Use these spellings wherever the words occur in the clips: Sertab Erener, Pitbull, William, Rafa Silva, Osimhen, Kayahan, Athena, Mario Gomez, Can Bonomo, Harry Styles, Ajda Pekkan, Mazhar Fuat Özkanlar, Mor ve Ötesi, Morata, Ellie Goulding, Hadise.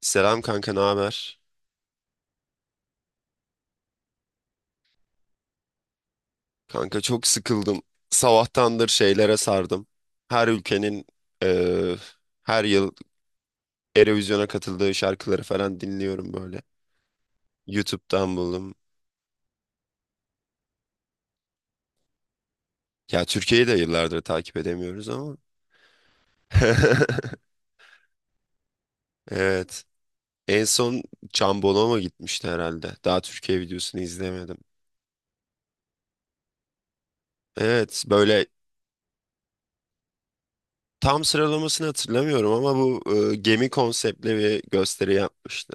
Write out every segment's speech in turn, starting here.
Selam kanka, ne haber? Kanka çok sıkıldım. Sabahtandır şeylere sardım. Her ülkenin eee, her yıl Eurovision'a katıldığı şarkıları falan dinliyorum böyle. YouTube'dan buldum. Ya Türkiye'yi de yıllardır takip edemiyoruz ama. Evet. En son Can Bonomo gitmişti herhalde. Daha Türkiye videosunu izlemedim. Evet, böyle tam sıralamasını hatırlamıyorum ama bu gemi konseptli bir gösteri yapmıştı.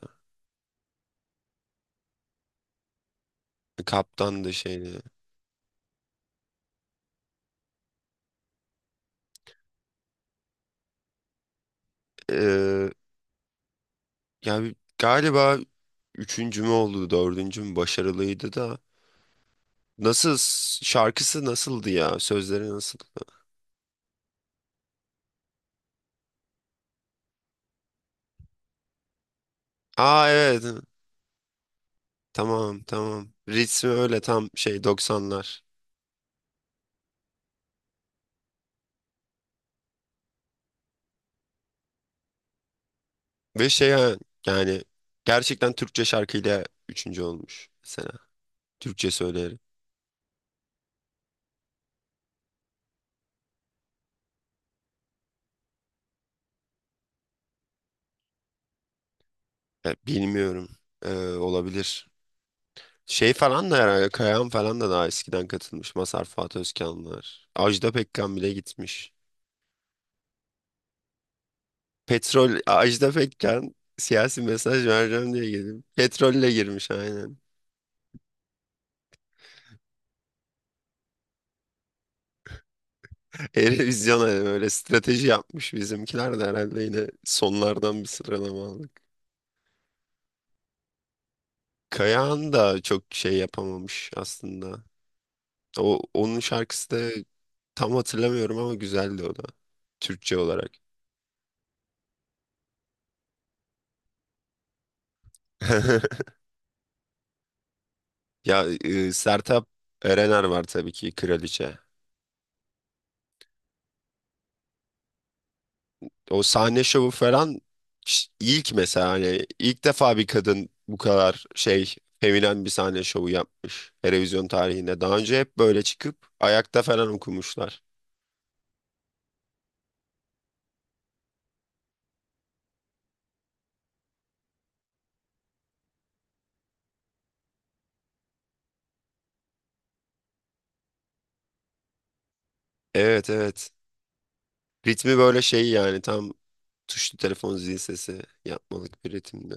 Kaptan da şeydi. Yani galiba üçüncü mü oldu, dördüncü mü başarılıydı da. Nasıl, şarkısı nasıldı ya? Sözleri nasıl? Aa evet. Tamam tamam. Ritmi öyle tam şey doksanlar. Ve şey ha, yani gerçekten Türkçe şarkıyla üçüncü olmuş mesela. Türkçe söylerim. Ya, bilmiyorum. Olabilir. Şey falan da herhalde Kayahan falan da daha eskiden katılmış. Mazhar Fuat Özkanlar. Ajda Pekkan bile gitmiş. Petrol Ajda Pekkan siyasi mesaj vereceğim diye gelip petrolle girmiş aynen. Eurovision'a böyle strateji yapmış bizimkiler de herhalde yine sonlardan bir sıralama aldık. Kayahan da çok şey yapamamış aslında. O onun şarkısı da tam hatırlamıyorum ama güzeldi o da, Türkçe olarak. Ya e, Sertab Erener var tabii ki kraliçe. O sahne şovu falan, ilk mesela hani ilk defa bir kadın bu kadar şey feminen bir sahne şovu yapmış televizyon tarihinde. Daha önce hep böyle çıkıp ayakta falan okumuşlar. Evet evet. Ritmi böyle şey yani tam tuşlu telefon zil sesi yapmalık bir ritimde.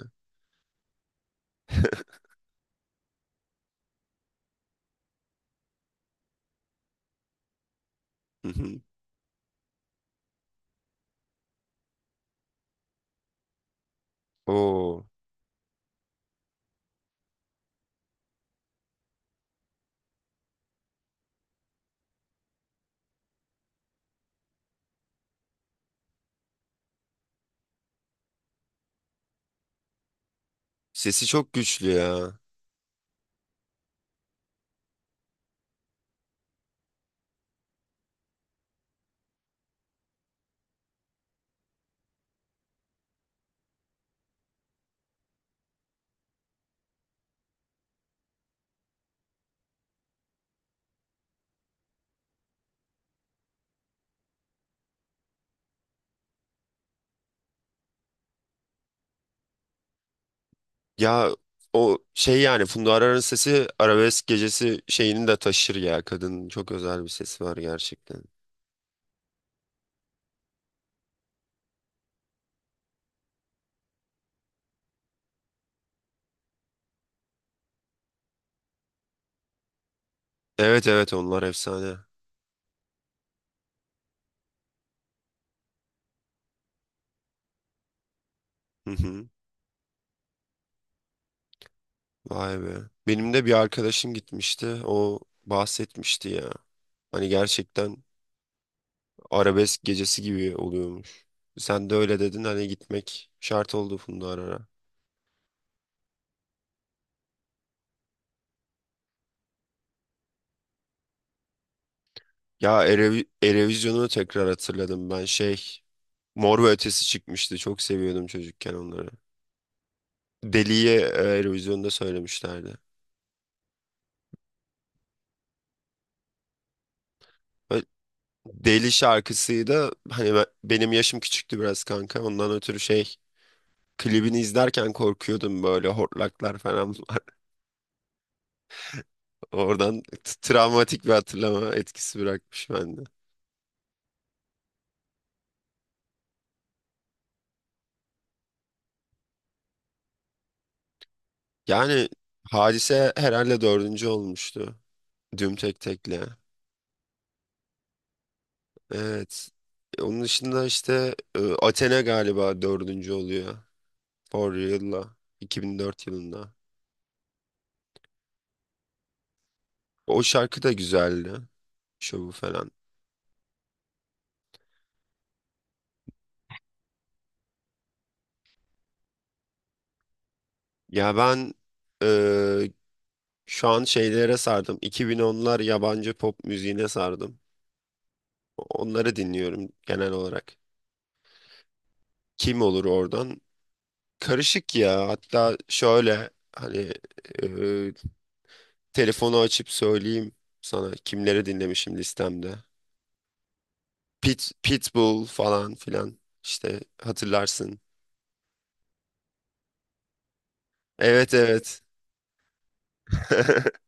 Hı hı. Oo, sesi çok güçlü ya. Ya o şey yani Funda Arar'ın sesi arabesk gecesi şeyini de taşır ya. Kadının çok özel bir sesi var gerçekten. Evet evet, onlar efsane. Hı hı. Vay be. Benim de bir arkadaşım gitmişti. O bahsetmişti ya. Hani gerçekten arabesk gecesi gibi oluyormuş. Sen de öyle dedin, hani gitmek şart oldu Funda Arar'a. Ya Erevizyon'u tekrar hatırladım ben şey. Mor ve Ötesi çıkmıştı. Çok seviyordum çocukken onları. Deli'ye Eurovision'da söylemişlerdi. Ve Deli şarkısıydı. Hani benim yaşım küçüktü biraz kanka. Ondan ötürü şey, klibini izlerken korkuyordum, böyle hortlaklar falan var. Oradan travmatik bir hatırlama etkisi bırakmış bende. Yani Hadise herhalde dördüncü olmuştu. Düm tek tekle. Evet. Onun dışında işte Athena galiba dördüncü oluyor. For Real'la. 2004 yılında. O şarkı da güzeldi. Şovu falan. Ya ben e, şu an şeylere sardım. 2010'lar yabancı pop müziğine sardım. Onları dinliyorum genel olarak. Kim olur oradan? Karışık ya. Hatta şöyle hani, e, telefonu açıp söyleyeyim sana kimleri dinlemişim listemde. Pitbull falan filan işte hatırlarsın. Evet evet.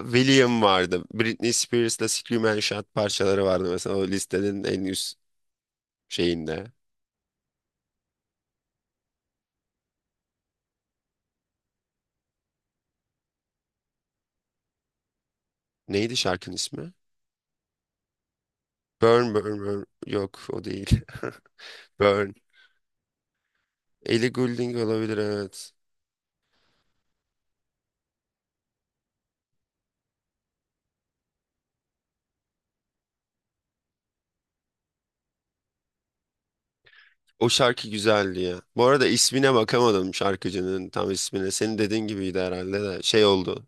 William vardı. Britney Spears'la Scream and Shout parçaları vardı mesela o listenin en üst şeyinde. Neydi şarkının ismi? Burn Burn Burn. Yok o değil. Burn. Ellie Goulding olabilir evet. O şarkı güzeldi ya. Bu arada ismine bakamadım şarkıcının tam ismine. Senin dediğin gibiydi herhalde de şey oldu.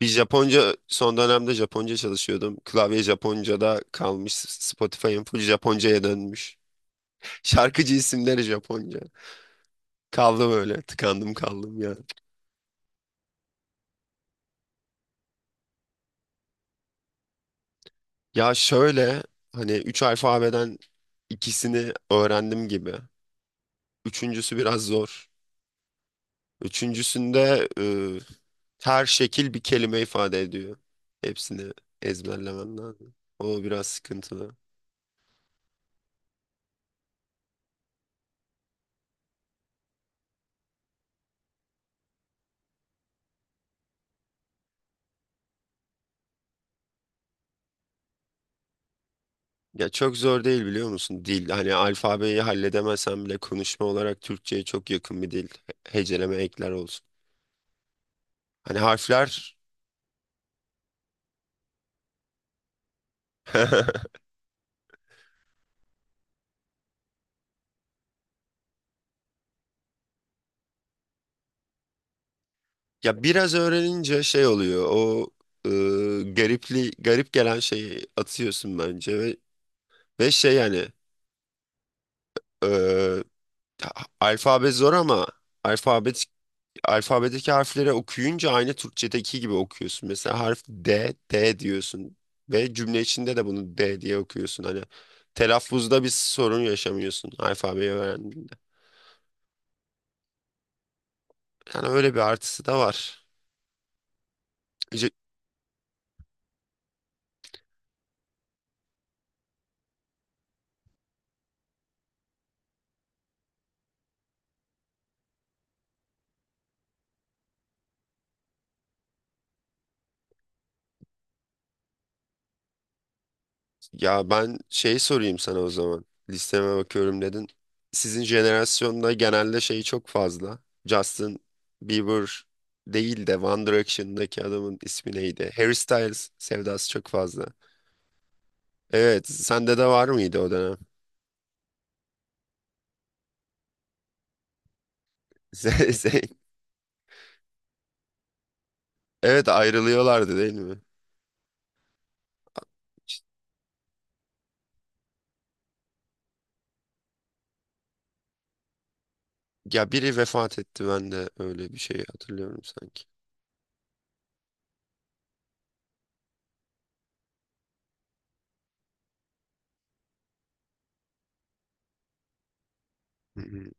Bir Japonca son dönemde Japonca çalışıyordum. Klavye Japonca'da kalmış. Spotify'ın full Japonca'ya dönmüş. Şarkıcı isimleri Japonca. Kaldım öyle. Tıkandım kaldım ya. Ya şöyle hani 3 alfabeden ikisini öğrendim gibi. Üçüncüsü biraz zor. Üçüncüsünde her şekil bir kelime ifade ediyor. Hepsini ezberlemen lazım. O biraz sıkıntılı. Ya çok zor değil biliyor musun? Dil hani alfabeyi halledemesen bile konuşma olarak Türkçe'ye çok yakın bir dil. Heceleme ekler olsun. Hani harfler ya biraz öğrenince şey oluyor. O e, garip gelen şeyi atıyorsun bence ve şey yani, e, ta- alfabe zor ama alfabetik alfabedeki harfleri okuyunca aynı Türkçedeki gibi okuyorsun. Mesela harf D, D diyorsun ve cümle içinde de bunu D diye okuyorsun. Hani telaffuzda bir sorun yaşamıyorsun alfabeyi öğrendiğinde. Yani öyle bir artısı da var. Ce- Ya ben şey sorayım sana o zaman. Listeme bakıyorum dedin. Sizin jenerasyonda genelde şey çok fazla. Justin Bieber değil de One Direction'daki adamın ismi neydi? Harry Styles sevdası çok fazla. Evet, sende de var mıydı o dönem? Ze- Ze- Evet ayrılıyorlardı değil mi? İşte. Ya biri vefat etti, ben de öyle bir şey hatırlıyorum sanki. Hı hı.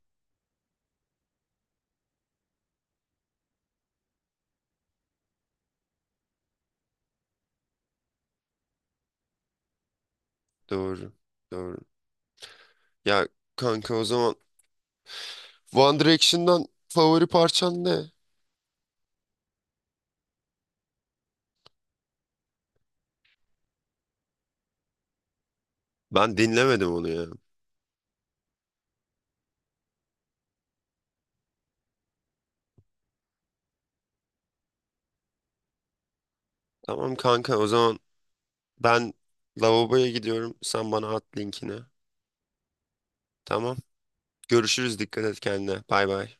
Doğru. Doğru. Ya kanka, o zaman One Direction'dan favori parçan ne? Ben dinlemedim onu ya. Tamam kanka, o zaman ben lavaboya gidiyorum. Sen bana at linkini. Tamam. Görüşürüz. Dikkat et kendine. Bay bay.